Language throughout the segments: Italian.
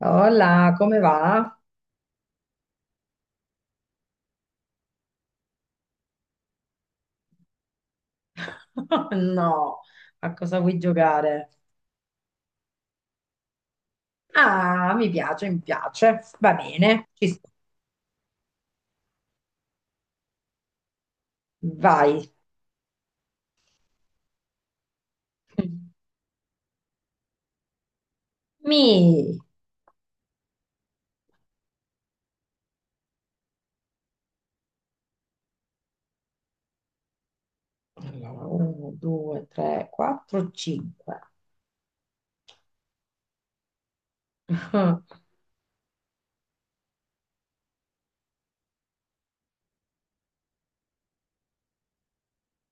Hola, come va? No, a cosa vuoi giocare? Ah, mi piace, mi piace. Va bene, ci sto. Vai. Mi. Allora, 1, 2, 3, 4, 5.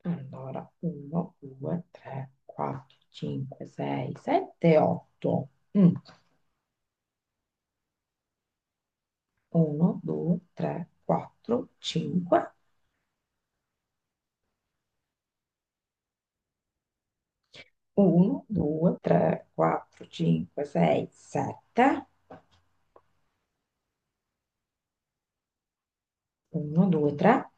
Allora, 1, 2, 3, 4, 5, 6, 7, 8. 1, 2, 3, 4, 5. 1, 2, 3, 4, 5, 6, 7. 1, 2, 3.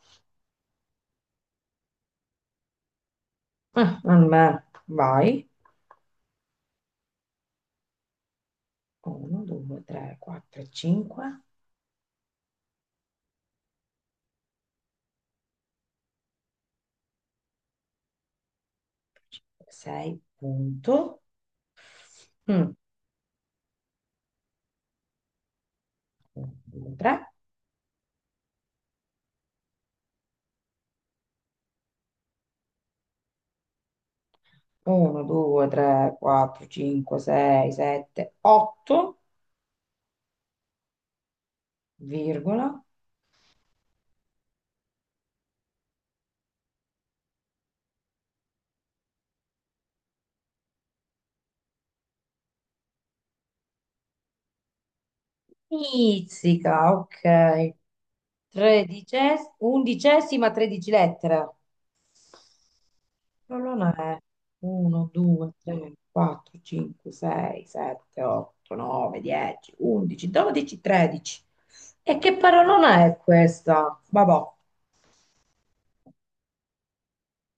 Ah, vabbè, vai. 1, 2, 3, 4, 5, 6, punto. 1, 2, 3. 1, 2, 3, 4, 5, 6, 7, 8, virgola. Pizzica, ok. Tredicesima, undicesima, tredici lettera. L'olona è 1, 2, 3, 4, 5, 6, 7, 8, 9, 10, 11, 12, 13. E che parolona è questa? Vabbò.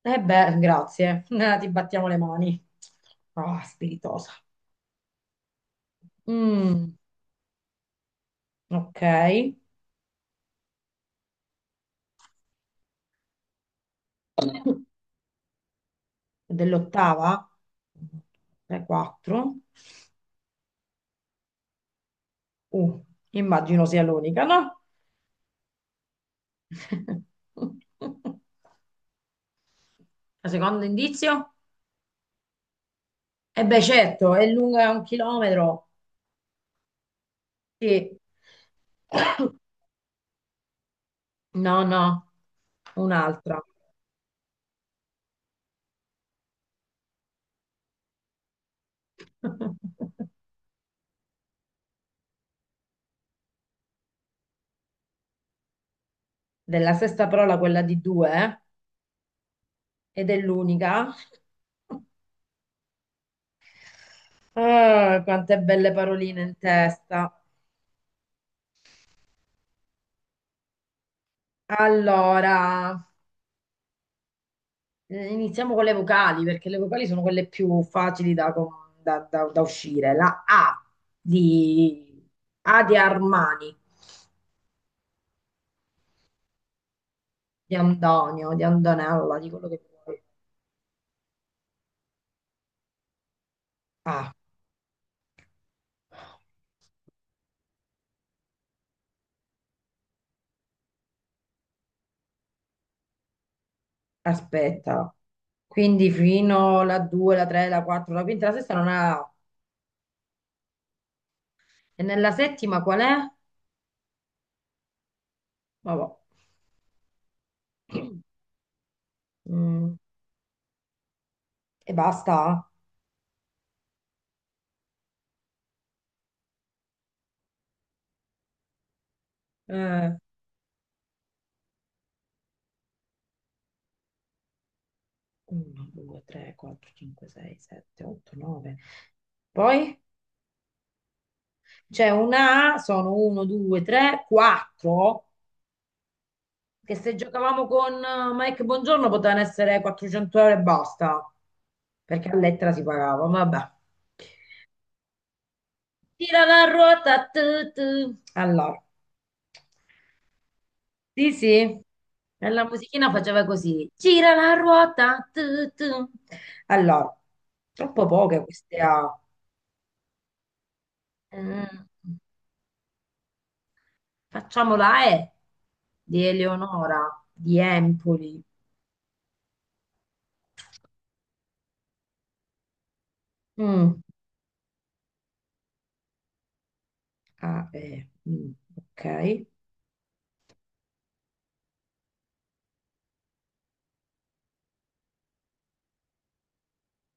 Eh beh, grazie. Ti battiamo le mani. Ah, spiritosa. Mm, ok. Dell'ottava? 3, 4. Uh, immagino sia l'unica, no? Secondo indizio? E beh, certo, è lunga un chilometro. Sì. No, no, un'altra. Della sesta parola, quella di due, eh? Ed è l'unica. Ah, quante belle paroline in testa. Allora, iniziamo con le vocali, perché le vocali sono quelle più facili da, com- da- da- da uscire. La di, A di Armani, di Antonio, di Antonella, di quello che vuoi. A. Aspetta, quindi fino alla 2, la 3, la 4, la quinta, la sesta non ha la A. E nella settima qual è? Vabbè. Mm, e basta. Eh, 1, 2, 3, 4, 5, 6, 7, 8, 9. Poi c'è una A, sono 1, 2, 3, 4, che se giocavamo con Mike Buongiorno potevano essere 400 euro e basta, perché a lettera si pagava, vabbè. Tira la ruota, tu, tu. Allora. Sì, sì, e la musichina faceva così, gira la ruota, tu, tu. Allora, troppo poche queste A. Mm, facciamo la E di Eleonora, di Empoli. Mm, A, E, mm, ok,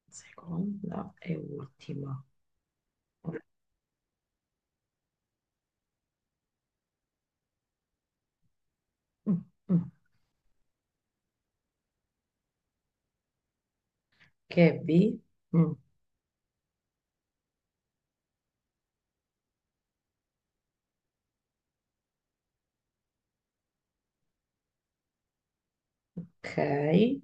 seconda e ultima. Mm, mm. Mm. Che è B? Mm, ok,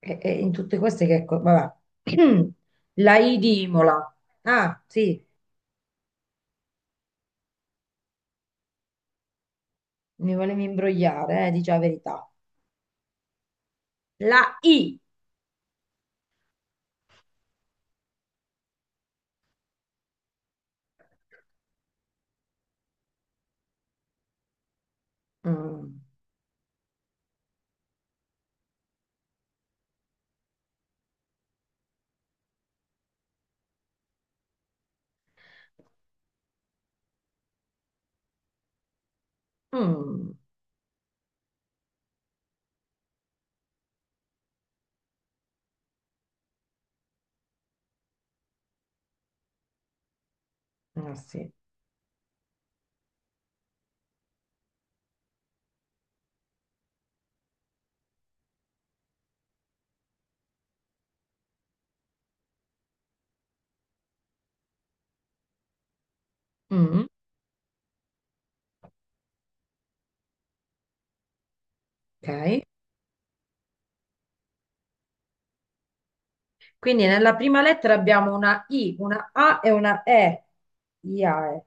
e in tutte queste che... co- Vabbè. La I di Imola. Ah, sì. Mi volevi imbrogliare, dici la verità. La I. Mm. Mm. Ah, sì. Mm. Ok. Quindi nella prima lettera abbiamo una I, una A e una E. IAE.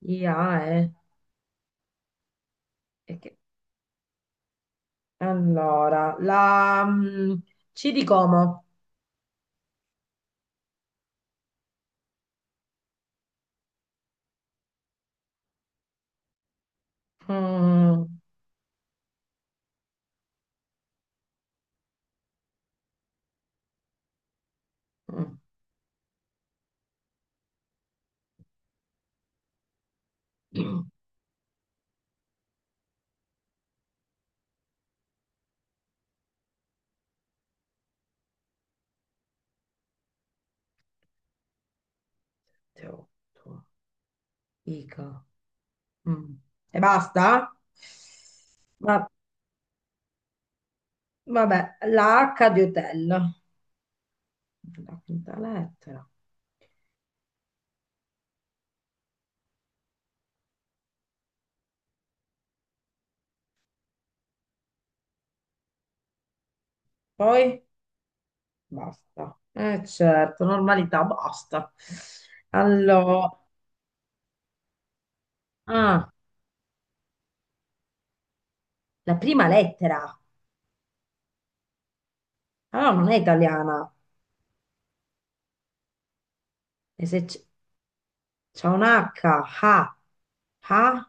IAE. E che- Allora, la mm, C di Como. Mm. Mm. Teotto. Ica. Mm. E basta? Ma, vabbè, la H di hotel. La quinta lettera. Poi basta. Eh certo, normalità, basta. Allora, ah, la prima lettera. Allora non è italiana. E se c'è un H, ha, ha,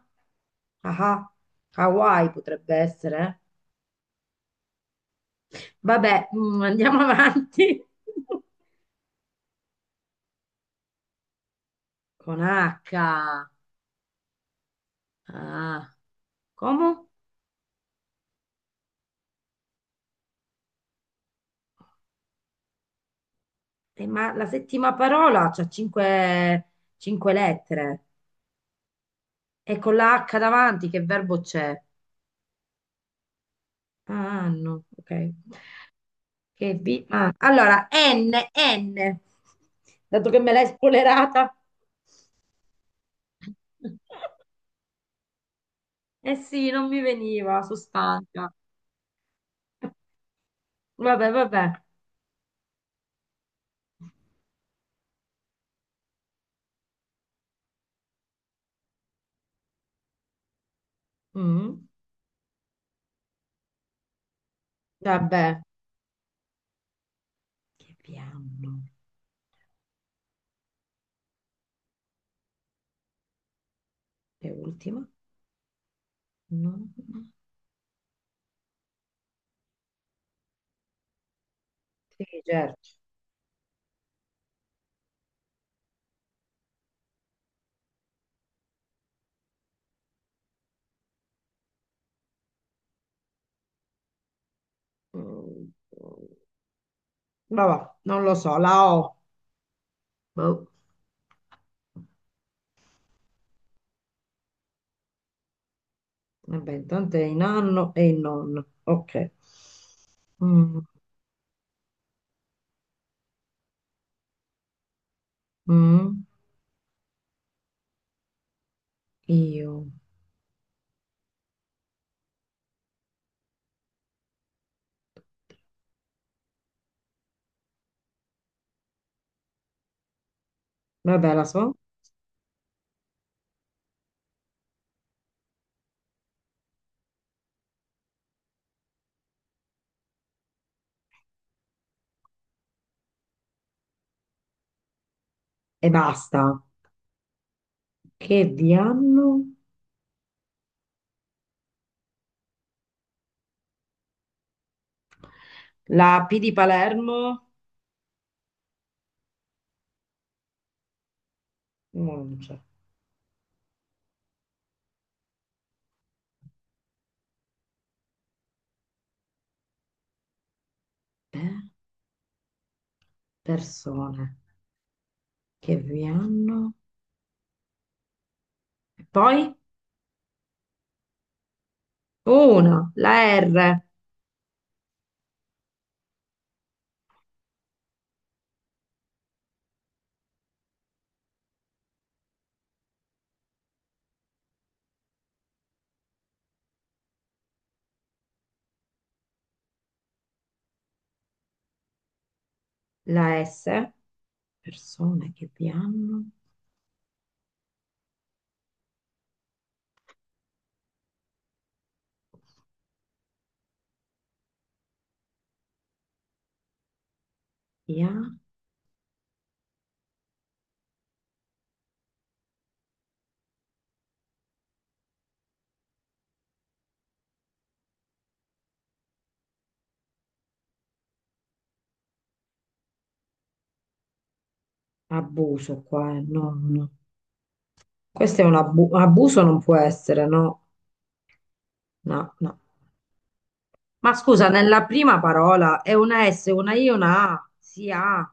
ah, ah. Hawaii potrebbe essere. Eh. Vabbè, mm, andiamo avanti. Con H. Ah, come? Ma la settima parola c'ha cinque, cinque lettere. E con la H davanti, che verbo c'è? Ah, hanno, ok. Che B, ah, allora, N, N, dato che me l'hai spoilerata. Eh sì, non mi veniva, sono stanca. Vabbè, vabbè. Mm, vabbè. Che B hanno? È ultima? No. Sì, certo. Mm, vabbè, non lo so, la O. Boh. Vabbè, intanto è in anno e in nonno. Ok. Mm, mm. Io, vabbè, la so e basta. Che vi hanno? La P di Palermo? No, non c'è. Beh, persone che vi hanno? E poi? Una, la R, la S, persone che vi hanno? Vi ha? Abuso qua, no, no. Questo è un abuso, non può essere, no, no, no. Ma scusa, nella prima parola è una S, una I, una A, si ha.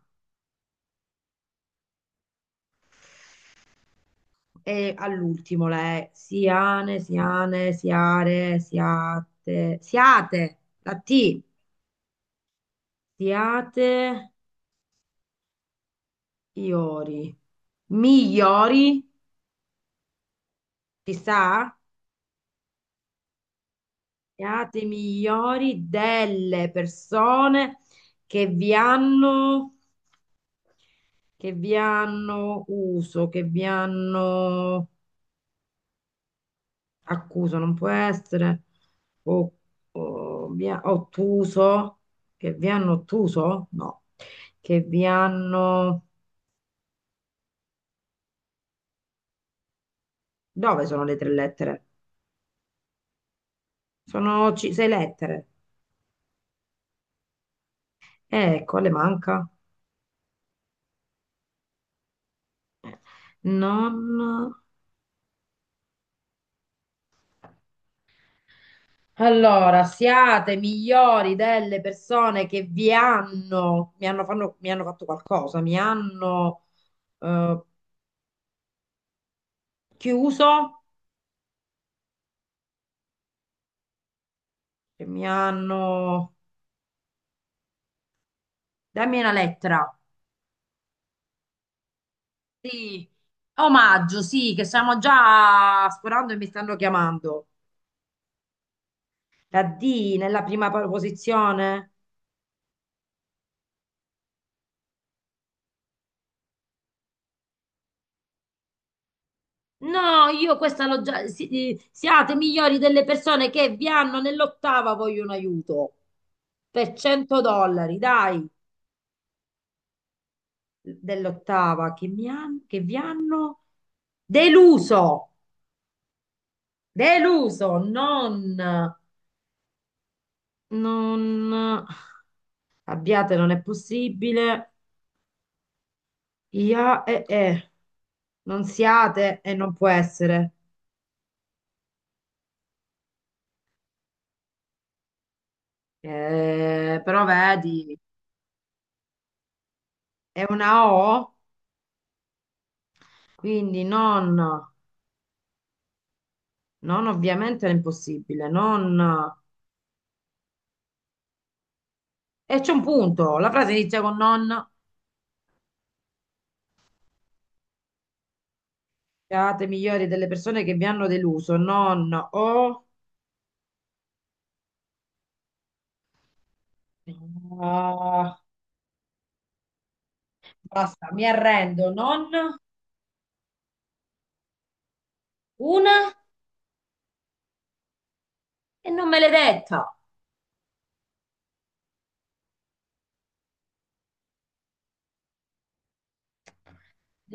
E all'ultimo la E, siane, siane, siare, siate, siate, la T, siate, iori, migliori, ci sta? Siate migliori delle persone che vi hanno, che vi hanno uso, che vi hanno accuso non può essere, o, o ottuso, che vi hanno ottuso? No, che vi hanno... Dove sono le tre lettere? Sono sei lettere. Ecco, le manca. Non... Allora, siate migliori delle persone che vi hanno, mi hanno, mi hanno fatto qualcosa, mi hanno eh, chiuso, che mi hanno... Dammi una lettera. Sì, omaggio, sì, che stiamo già sforando e mi stanno chiamando. La D nella prima posizione. No, io questa l'ho già... siate migliori delle persone che vi hanno nell'ottava vogliono aiuto per $100, dai, dell'ottava che mi hanno, che vi hanno deluso, deluso, non, non, abbiate, non è possibile. Ia e. Non siate e non può essere. Però vedi, è una O, quindi non, non ovviamente è impossibile, non... E c'è un punto, la frase inizia con non, siate migliori delle persone che vi hanno deluso, non o... Ah, basta, mi arrendo, non una e non me l'hai detta.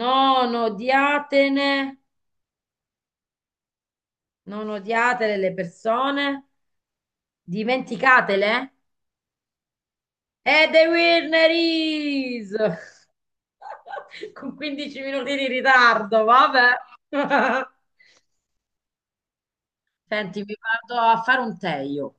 Non odiatene, non odiate le persone. Dimenticatele? E the winner is! Con 15 minuti di ritardo, vabbè. Senti, mi vado a fare un tè io.